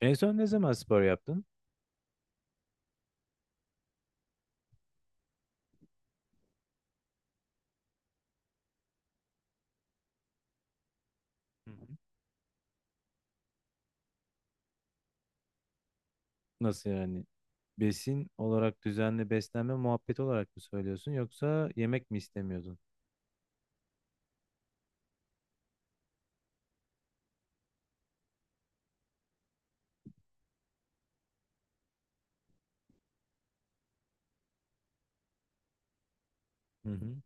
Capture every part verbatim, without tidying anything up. En son ne zaman spor yaptın? Hı hı. Nasıl yani? Besin olarak düzenli beslenme muhabbeti olarak mı söylüyorsun yoksa yemek mi istemiyordun? Hı hı.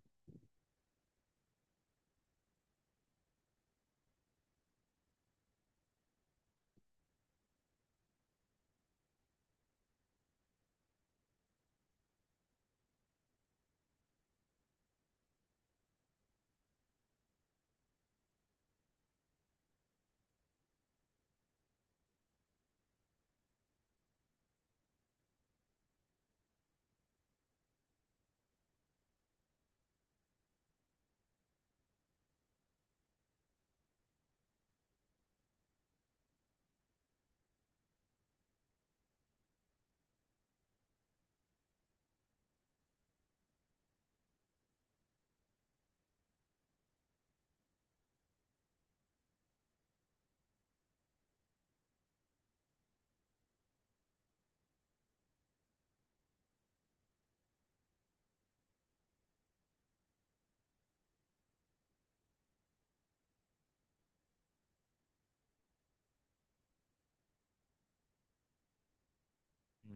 Hmm.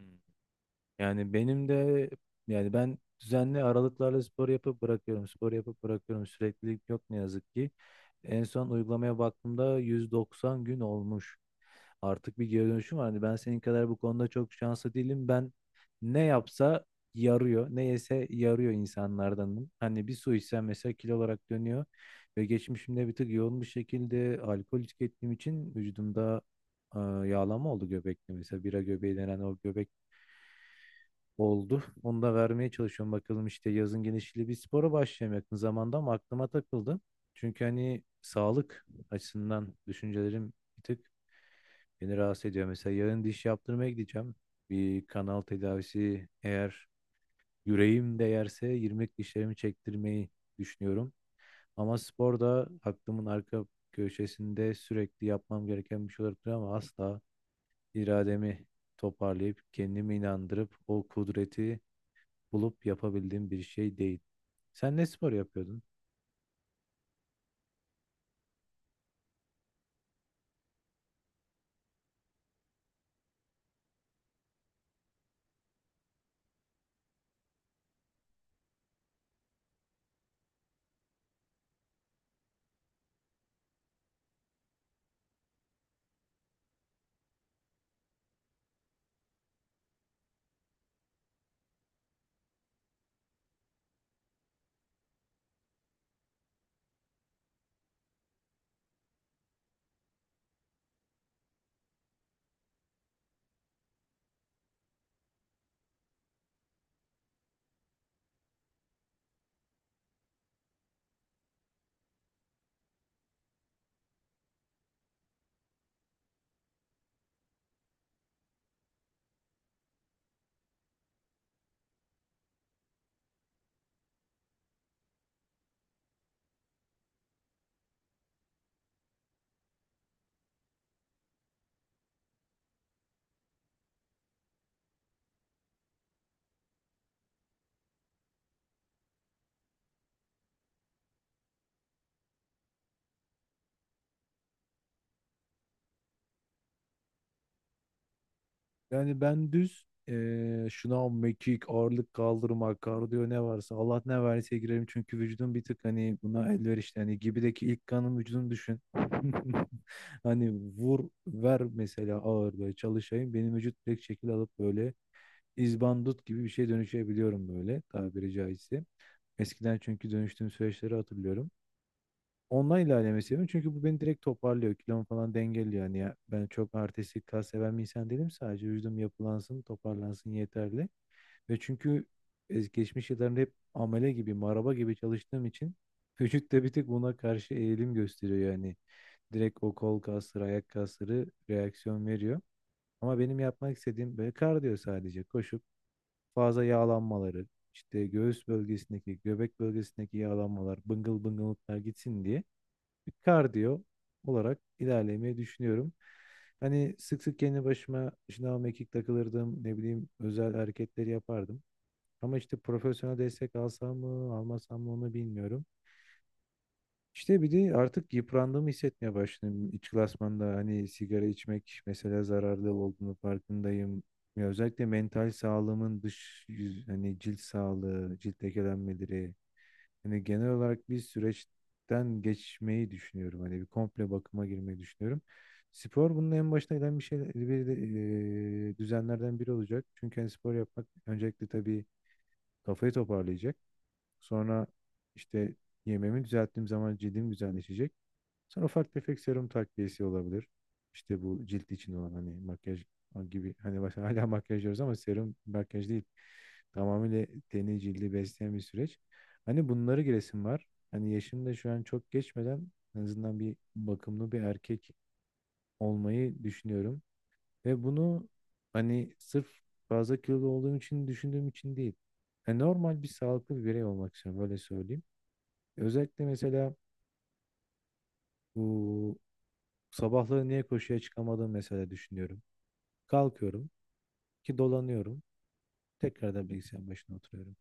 Yani benim de yani ben düzenli aralıklarla spor yapıp bırakıyorum. Spor yapıp bırakıyorum. Süreklilik yok ne yazık ki. En son uygulamaya baktığımda yüz doksan gün olmuş. Artık bir geri dönüşüm var. Hani ben senin kadar bu konuda çok şanslı değilim. Ben ne yapsa yarıyor. Ne yese yarıyor insanlardanım. Hani bir su içsem mesela kilo olarak dönüyor. Ve geçmişimde bir tık yoğun bir şekilde alkol tükettiğim için vücudumda e, yağlanma oldu göbekte. Mesela bira göbeği denen o göbek oldu. Onu da vermeye çalışıyorum. Bakalım işte yazın genişliği bir spora başlayayım yakın zamanda, ama aklıma takıldı. Çünkü hani sağlık açısından düşüncelerim bir tık beni rahatsız ediyor. Mesela yarın diş yaptırmaya gideceğim. Bir kanal tedavisi, eğer yüreğim de yerse yirmilik dişlerimi çektirmeyi düşünüyorum. Ama spor da aklımın arka köşesinde sürekli yapmam gereken bir şey olabilir, ama asla irademi toparlayıp kendimi inandırıp o kudreti bulup yapabildiğim bir şey değil. Sen ne spor yapıyordun? Yani ben düz eee şınav, mekik, ağırlık kaldırma, kardiyo ne varsa Allah ne verdiyse girerim. Çünkü vücudum bir tık hani buna elverişli. Hani gibideki ilk kanım vücudum düşün. Hani vur ver mesela ağır böyle çalışayım. Benim vücut direkt şekil alıp böyle izbandut gibi bir şey dönüşebiliyorum böyle tabiri caizse. Eskiden çünkü dönüştüğüm süreçleri hatırlıyorum. Ondan ilerlemeyi seviyorum. Çünkü bu beni direkt toparlıyor. Kilomu falan dengeliyor. Yani ya, ben çok artistik kas seven bir insan değilim. Sadece vücudum yapılansın, toparlansın yeterli. Ve çünkü es- geçmiş yıllarında hep amele gibi, maraba gibi çalıştığım için vücut da bir tık buna karşı eğilim gösteriyor yani. Direkt o kol kasları, ayak kasları reaksiyon veriyor. Ama benim yapmak istediğim böyle kardiyo sadece. Koşup fazla yağlanmaları, işte göğüs bölgesindeki, göbek bölgesindeki yağlanmalar, bıngıl bıngılıklar gitsin diye bir kardiyo olarak ilerlemeyi düşünüyorum. Hani sık sık kendi başıma şınav mekik takılırdım, ne bileyim özel hareketleri yapardım. Ama işte profesyonel destek alsam mı, almasam mı onu bilmiyorum. İşte bir de artık yıprandığımı hissetmeye başladım. İç klasmanda hani sigara içmek mesela zararlı olduğunu farkındayım. Ya özellikle mental sağlığımın dış yüz, hani cilt sağlığı, cilt lekelenmeleri, hani genel olarak bir süreçten geçmeyi düşünüyorum. Hani bir komple bakıma girmeyi düşünüyorum. Spor bunun en başına gelen bir şey, bir de, eee, düzenlerden biri olacak. Çünkü hani spor yapmak öncelikle tabii kafayı toparlayacak. Sonra işte yemeğimi düzelttiğim zaman cildim güzelleşecek. Sonra ufak tefek serum takviyesi olabilir. İşte bu cilt için olan hani makyaj gibi hani mesela hala makyaj diyoruz, ama serum makyaj değil. Tamamıyla teni cildi besleyen bir süreç. Hani bunları giresim var. Hani yaşım da şu an çok geçmeden en azından bir bakımlı bir erkek olmayı düşünüyorum. Ve bunu hani sırf fazla kilolu olduğum için düşündüğüm için değil. Yani normal bir sağlıklı bir birey olmak istiyorum böyle söyleyeyim. Özellikle mesela bu sabahları niye koşuya çıkamadığımı mesela düşünüyorum. Kalkıyorum ki dolanıyorum. Tekrar da bilgisayar başına oturuyorum.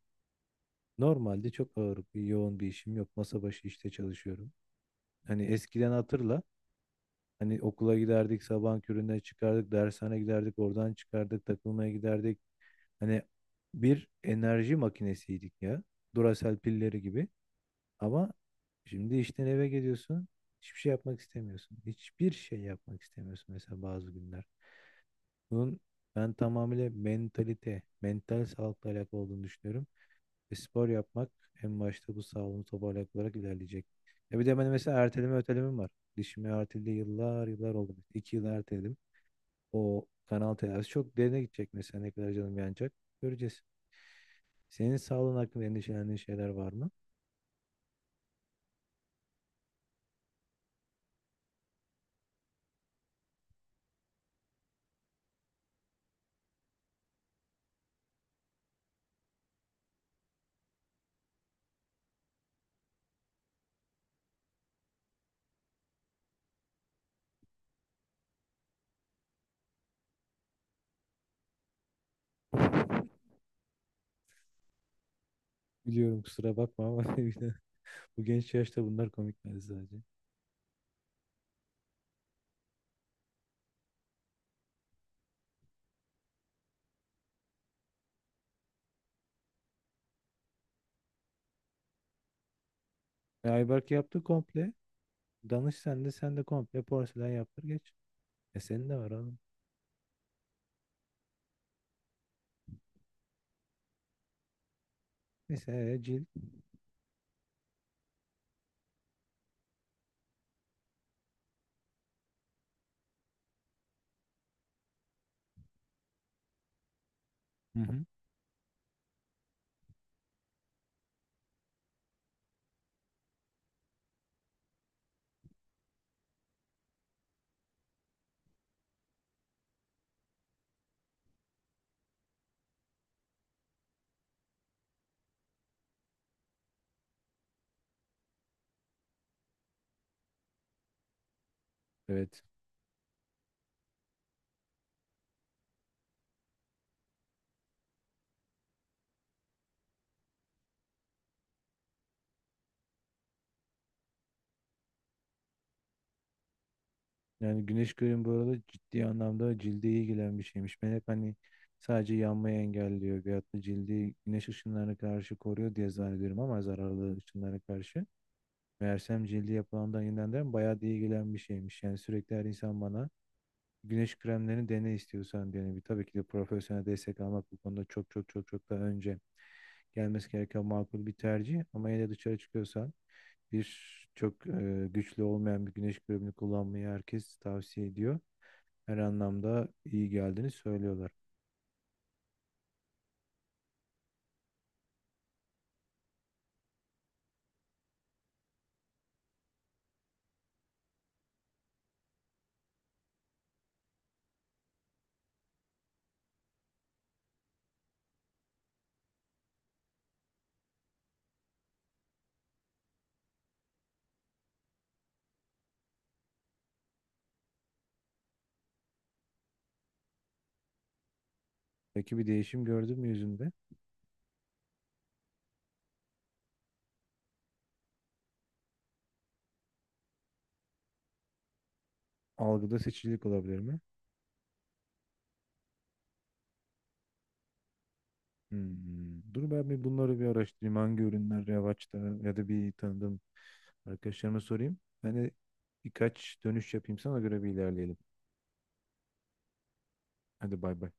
Normalde çok ağır bir yoğun bir işim yok. Masa başı işte çalışıyorum. Hani eskiden hatırla. Hani okula giderdik, sabahın köründen çıkardık, dershane giderdik, oradan çıkardık, takılmaya giderdik. Hani bir enerji makinesiydik ya. Duracell pilleri gibi. Ama şimdi işten eve geliyorsun. Hiçbir şey yapmak istemiyorsun. Hiçbir şey yapmak istemiyorsun mesela bazı günler. Bunun ben tamamıyla mentalite, mental sağlıkla alakalı olduğunu düşünüyorum. Ve spor yapmak en başta bu sağlığımı toparlayarak olarak ilerleyecek. Ya bir de ben mesela erteleme ötelemem var. Dişimi erteledi yıllar yıllar oldu. İki yıl erteledim. O kanal tedavisi çok derine gidecek mesela ne kadar canım yanacak. Göreceğiz. Senin sağlığın hakkında endişelendiğin şeyler var mı? Biliyorum kusura bakma ama bir de bu genç yaşta bunlar komik bence sadece. E, Ayberk yaptı komple. Danış sen de sen de komple porselen yaptır geç. E senin de var abi. Neyse ee, cilt. Hı hı. Evet. Yani güneş kremi bu arada ciddi anlamda cilde iyi gelen bir şeymiş. Ben hep hani sadece yanmayı engelliyor veyahut da cildi güneş ışınlarına karşı koruyor diye zannediyorum, ama zararlı ışınlara karşı. Meğersem cildi yapılandan yeniden bayağı da iyi gelen bir şeymiş. Yani sürekli her insan bana güneş kremlerini dene istiyorsan diyor. Yani bir- tabii ki de profesyonel destek almak bu konuda çok çok çok çok daha önce gelmesi gereken makul bir tercih. Ama yine de dışarı çıkıyorsan bir çok e, güçlü olmayan bir güneş kremini kullanmayı herkes tavsiye ediyor. Her anlamda iyi geldiğini söylüyorlar. Peki bir değişim gördün mü yüzünde? Algıda seçicilik olabilir mi? Hmm. Dur ben bir bunları bir araştırayım. Hangi ürünler revaçta ya da bir tanıdığım arkadaşlarıma sorayım. Ben de birkaç dönüş yapayım sana göre bir ilerleyelim. Hadi bay bay.